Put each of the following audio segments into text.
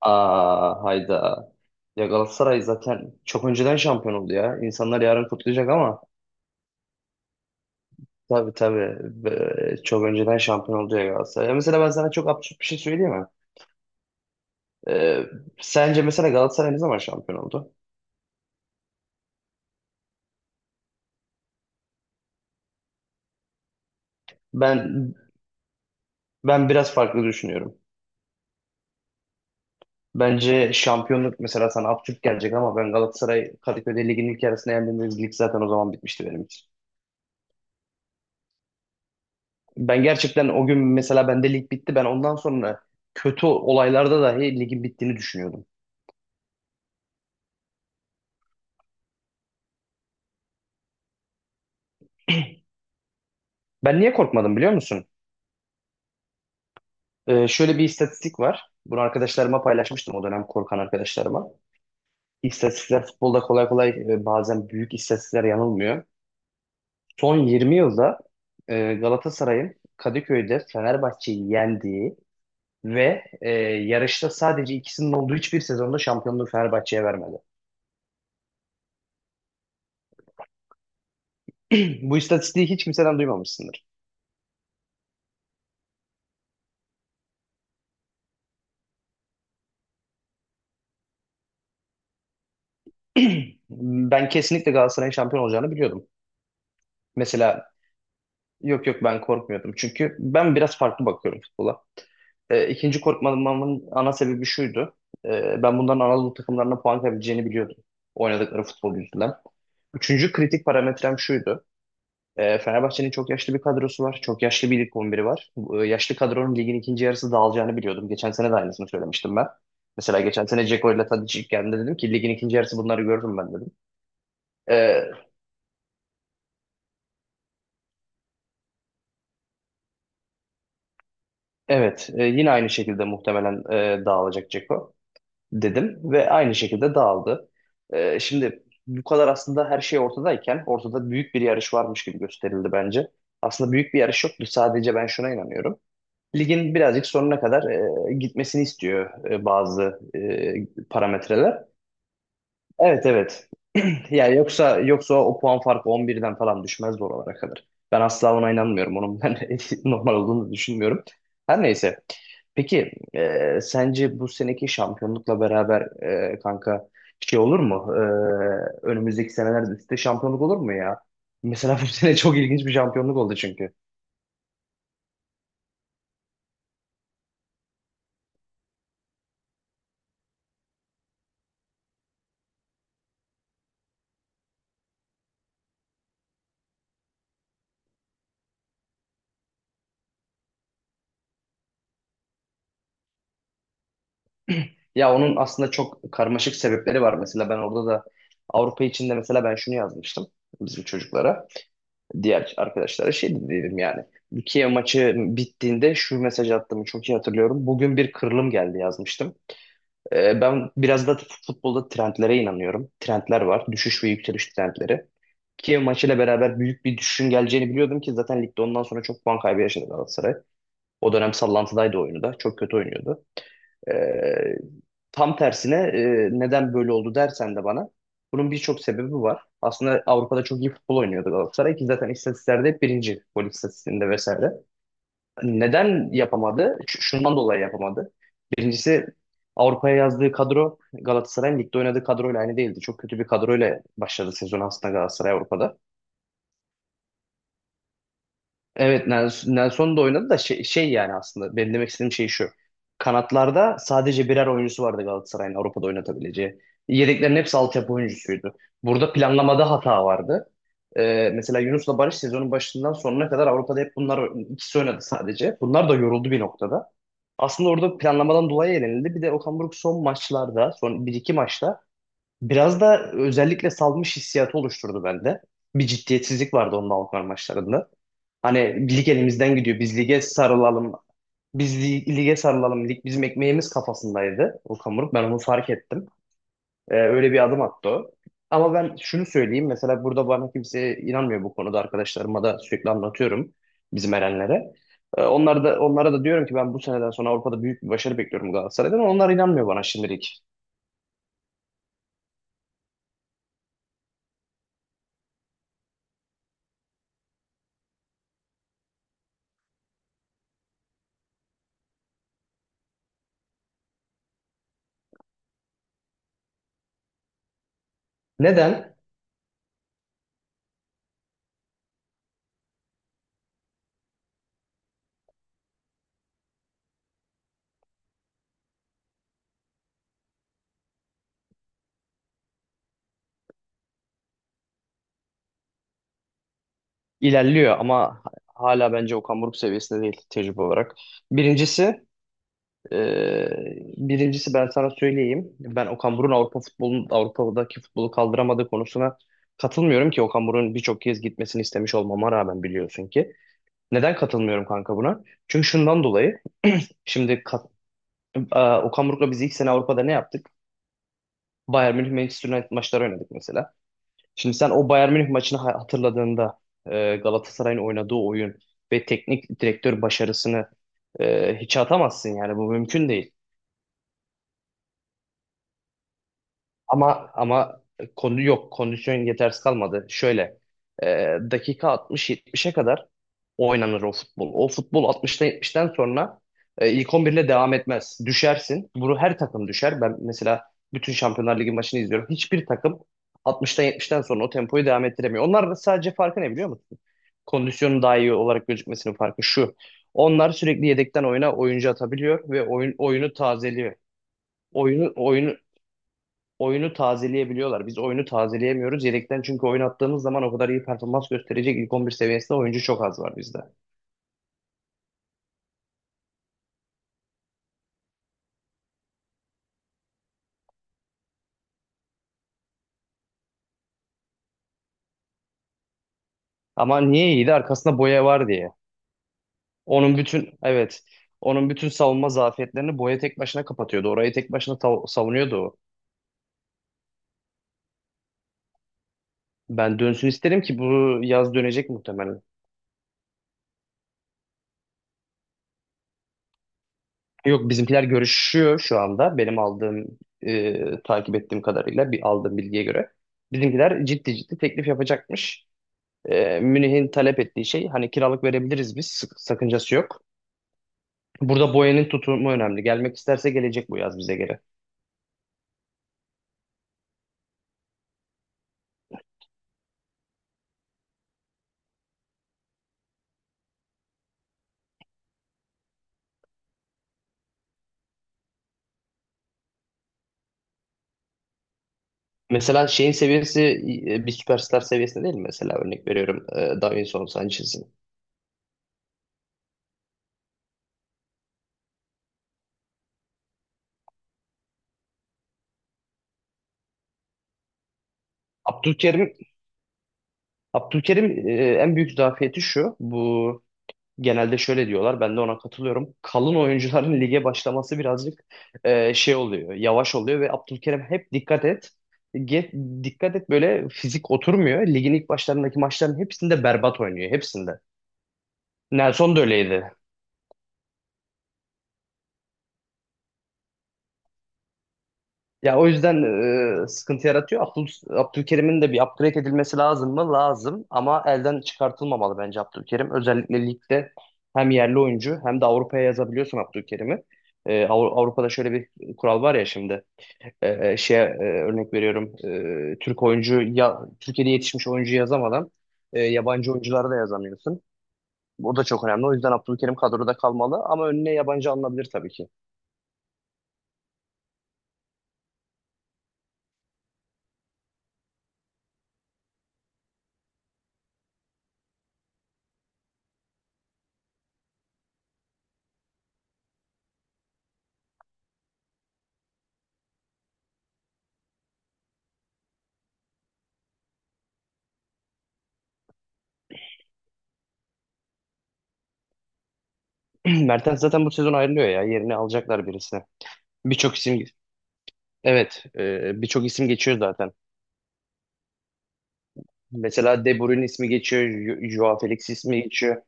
Aa, hayda. Ya Galatasaray zaten çok önceden şampiyon oldu ya. İnsanlar yarın kutlayacak ama tabii tabii. Çok önceden şampiyon oldu ya Galatasaray. Ya mesela ben sana çok absürt bir şey söyleyeyim mi? Ee, Sence mesela Galatasaray ne zaman şampiyon oldu? Ben ben biraz farklı düşünüyorum. Bence şampiyonluk mesela sana absürt gelecek ama ben Galatasaray Kadıköy'de ligin ilk yarısına yendiğimiz lig zaten o zaman bitmişti benim için. Ben gerçekten o gün mesela bende lig bitti. Ben ondan sonra kötü olaylarda dahi ligin bittiğini düşünüyordum. Ben niye korkmadım biliyor musun? Şöyle bir istatistik var. Bunu arkadaşlarıma paylaşmıştım o dönem korkan arkadaşlarıma. İstatistikler futbolda kolay kolay bazen büyük istatistikler yanılmıyor. Son 20 yılda Galatasaray'ın Kadıköy'de Fenerbahçe'yi yendiği ve yarışta sadece ikisinin olduğu hiçbir sezonda şampiyonluğu Fenerbahçe'ye vermedi. Bu istatistiği hiç kimseden duymamışsındır. Ben kesinlikle Galatasaray'ın şampiyon olacağını biliyordum. Mesela yok yok, ben korkmuyordum. Çünkü ben biraz farklı bakıyorum futbola. İkinci korkmamın ana sebebi şuydu. Ben bunların Anadolu takımlarına puan kaybedeceğini biliyordum. Oynadıkları futbol yüzünden. Üçüncü kritik parametrem şuydu. Fenerbahçe'nin çok yaşlı bir kadrosu var. Çok yaşlı bir lig 11'i var. Bu, yaşlı kadronun ligin ikinci yarısı dağılacağını biliyordum. Geçen sene de aynısını söylemiştim ben. Mesela geçen sene Dzeko ile Tadic ilk geldiğinde dedim ki ligin ikinci yarısı bunları görürüm ben dedim. E, evet, yine aynı şekilde muhtemelen dağılacak Dzeko, dedim ve aynı şekilde dağıldı. Şimdi bu kadar aslında her şey ortadayken ortada büyük bir yarış varmış gibi gösterildi bence. Aslında büyük bir yarış yoktu. Sadece ben şuna inanıyorum. Ligin birazcık sonuna kadar gitmesini istiyor bazı parametreler. Evet evet. Yani yoksa o puan farkı 11'den falan düşmezdi oralara kadar. Ben asla ona inanmıyorum. Onun ben normal olduğunu düşünmüyorum. Her neyse. Peki sence bu seneki şampiyonlukla beraber kanka şey olur mu? Önümüzdeki senelerde üstte şampiyonluk olur mu ya? Mesela bu sene çok ilginç bir şampiyonluk oldu çünkü. Ya onun aslında çok karmaşık sebepleri var. Mesela ben orada da Avrupa içinde mesela ben şunu yazmıştım bizim çocuklara, diğer arkadaşlara şey dedim yani. Bu Kiev maçı bittiğinde şu mesajı attığımı çok iyi hatırlıyorum. Bugün bir kırılım geldi yazmıştım. Ben biraz da futbolda trendlere inanıyorum. Trendler var. Düşüş ve yükseliş trendleri. Kiev maçıyla beraber büyük bir düşüşün geleceğini biliyordum ki zaten ligde ondan sonra çok puan kaybı yaşadı Galatasaray. O dönem sallantıdaydı oyunu da. Çok kötü oynuyordu. Ee, Tam tersine neden böyle oldu dersen de bana bunun birçok sebebi var. Aslında Avrupa'da çok iyi futbol oynuyordu Galatasaray ki zaten istatistiklerde hep birinci, gol istatistiğinde vesaire. Neden yapamadı? Şundan dolayı yapamadı. Birincisi, Avrupa'ya yazdığı kadro Galatasaray'ın ligde oynadığı kadroyla aynı değildi. Çok kötü bir kadroyla başladı sezon aslında Galatasaray Avrupa'da. Evet Nelson da oynadı da şey yani aslında benim demek istediğim şey şu. Kanatlarda sadece birer oyuncusu vardı Galatasaray'ın Avrupa'da oynatabileceği. Yedeklerin hepsi altyapı oyuncusuydu. Burada planlamada hata vardı. Mesela Yunus'la Barış sezonun başından sonuna kadar Avrupa'da hep bunlar ikisi oynadı sadece. Bunlar da yoruldu bir noktada. Aslında orada planlamadan dolayı elenildi. Bir de Okan Buruk son maçlarda, son bir iki maçta biraz da özellikle salmış hissiyatı oluşturdu bende. Bir ciddiyetsizlik vardı onun Avrupa maçlarında. Hani lig elimizden gidiyor. Biz lige sarılalım. Biz lige sarılalım. Lig bizim ekmeğimiz kafasındaydı Okan Buruk. Ben onu fark ettim. Öyle bir adım attı o. Ama ben şunu söyleyeyim. Mesela burada bana kimse inanmıyor bu konuda. Arkadaşlarıma da sürekli anlatıyorum. Bizim erenlere. Onlar da, onlara da diyorum ki ben bu seneden sonra Avrupa'da büyük bir başarı bekliyorum Galatasaray'dan. Onlar inanmıyor bana şimdilik. Neden? İlerliyor ama hala bence Okan Buruk seviyesinde değil tecrübe olarak. Birincisi Ee, Birincisi, ben sana söyleyeyim. Ben Okan Buruk'un Avrupa futbolun Avrupa'daki futbolu kaldıramadığı konusuna katılmıyorum ki Okan Buruk'un birçok kez gitmesini istemiş olmama rağmen, biliyorsun ki. Neden katılmıyorum kanka buna? Çünkü şundan dolayı, şimdi Okan Buruk'la biz ilk sene Avrupa'da ne yaptık? Bayern Münih, Manchester United maçları oynadık mesela. Şimdi sen o Bayern Münih maçını hatırladığında Galatasaray'ın oynadığı oyun ve teknik direktör başarısını hiçe atamazsın, yani bu mümkün değil. Ama konu yok. Kondisyon yetersiz kalmadı. Şöyle, e, dakika 60-70'e kadar oynanır o futbol. O futbol 60'tan 70'ten sonra ilk 11 ile devam etmez. Düşersin. Bunu her takım düşer. Ben mesela bütün Şampiyonlar Ligi maçını izliyorum. Hiçbir takım 60'tan 70'ten sonra o tempoyu devam ettiremiyor. Onlar da sadece farkı ne biliyor musun? Kondisyonun daha iyi olarak gözükmesinin farkı şu: onlar sürekli yedekten oyuna oyuncu atabiliyor ve oyunu tazeliyor. Oyunu, oyunu oyunu tazeleyebiliyorlar. Biz oyunu tazeleyemiyoruz. Yedekten çünkü oynattığımız zaman o kadar iyi performans gösterecek ilk 11 seviyesinde oyuncu çok az var bizde. Ama niye iyiydi? Arkasında Boya var diye. Onun bütün evet onun bütün savunma zafiyetlerini Boya tek başına kapatıyordu. Orayı tek başına savunuyordu o. Ben dönsün isterim ki bu yaz dönecek muhtemelen. Yok, bizimkiler görüşüyor şu anda. Benim aldığım, takip ettiğim kadarıyla, bir aldığım bilgiye göre bizimkiler ciddi ciddi teklif yapacakmış. Münih'in talep ettiği şey hani kiralık verebiliriz biz, sakıncası yok. Burada Boyan'ın tutumu önemli. Gelmek isterse gelecek bu yaz bize göre. Mesela şeyin seviyesi bir süperstar seviyesinde değil mi? Mesela örnek veriyorum Davinson Sanchez'in. Abdülkerim, Abdülkerim en büyük zafiyeti şu. Bu genelde şöyle diyorlar. Ben de ona katılıyorum. Kalın oyuncuların lige başlaması birazcık şey oluyor. Yavaş oluyor ve Abdülkerim hep, dikkat et. Dikkat et böyle fizik oturmuyor. Ligin ilk başlarındaki maçların hepsinde berbat oynuyor. Hepsinde. Nelson da öyleydi. Ya o yüzden sıkıntı yaratıyor. Abdülkerim'in de bir upgrade edilmesi lazım mı? Lazım. Ama elden çıkartılmamalı bence Abdülkerim. Özellikle ligde hem yerli oyuncu hem de Avrupa'ya yazabiliyorsun Abdülkerim'i. Avrupa'da şöyle bir kural var ya şimdi. Şeye, örnek veriyorum, Türk oyuncu ya Türkiye'de yetişmiş oyuncu yazamadan yabancı oyuncuları da yazamıyorsun. Bu da çok önemli. O yüzden Abdülkerim kadroda kalmalı ama önüne yabancı alınabilir tabii ki. Mertens zaten bu sezon ayrılıyor ya, yerini alacaklar birisi. Birçok isim evet e, birçok isim geçiyor zaten. Mesela De Bruyne ismi geçiyor. Joao Felix ismi geçiyor.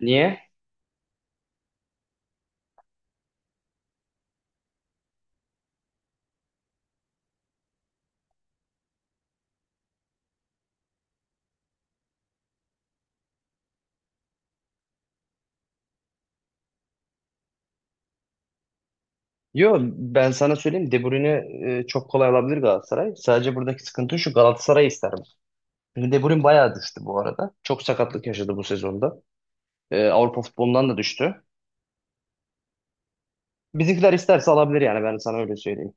Niye? Yo, ben sana söyleyeyim, De Bruyne çok kolay alabilir Galatasaray. Sadece buradaki sıkıntı şu: Galatasaray ister. Şimdi De Bruyne bayağı düştü bu arada. Çok sakatlık yaşadı bu sezonda. Avrupa futbolundan da düştü. Bizimkiler isterse alabilir yani, ben sana öyle söyleyeyim.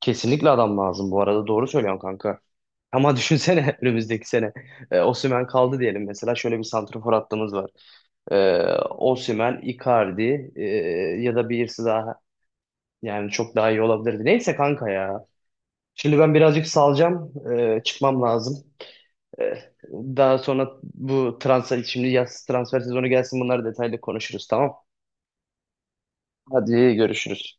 Kesinlikle adam lazım bu arada. Doğru söylüyorsun kanka. Ama düşünsene önümüzdeki sene Osimhen kaldı diyelim, mesela şöyle bir santrafor hattımız var: Ee, Osimhen, Icardi, ya da birisi daha, yani çok daha iyi olabilirdi. Neyse kanka ya. Şimdi ben birazcık salacağım. Çıkmam lazım. Ee, Daha sonra bu transfer, şimdi yaz transfer sezonu gelsin, bunları detaylı konuşuruz, tamam. Hadi görüşürüz.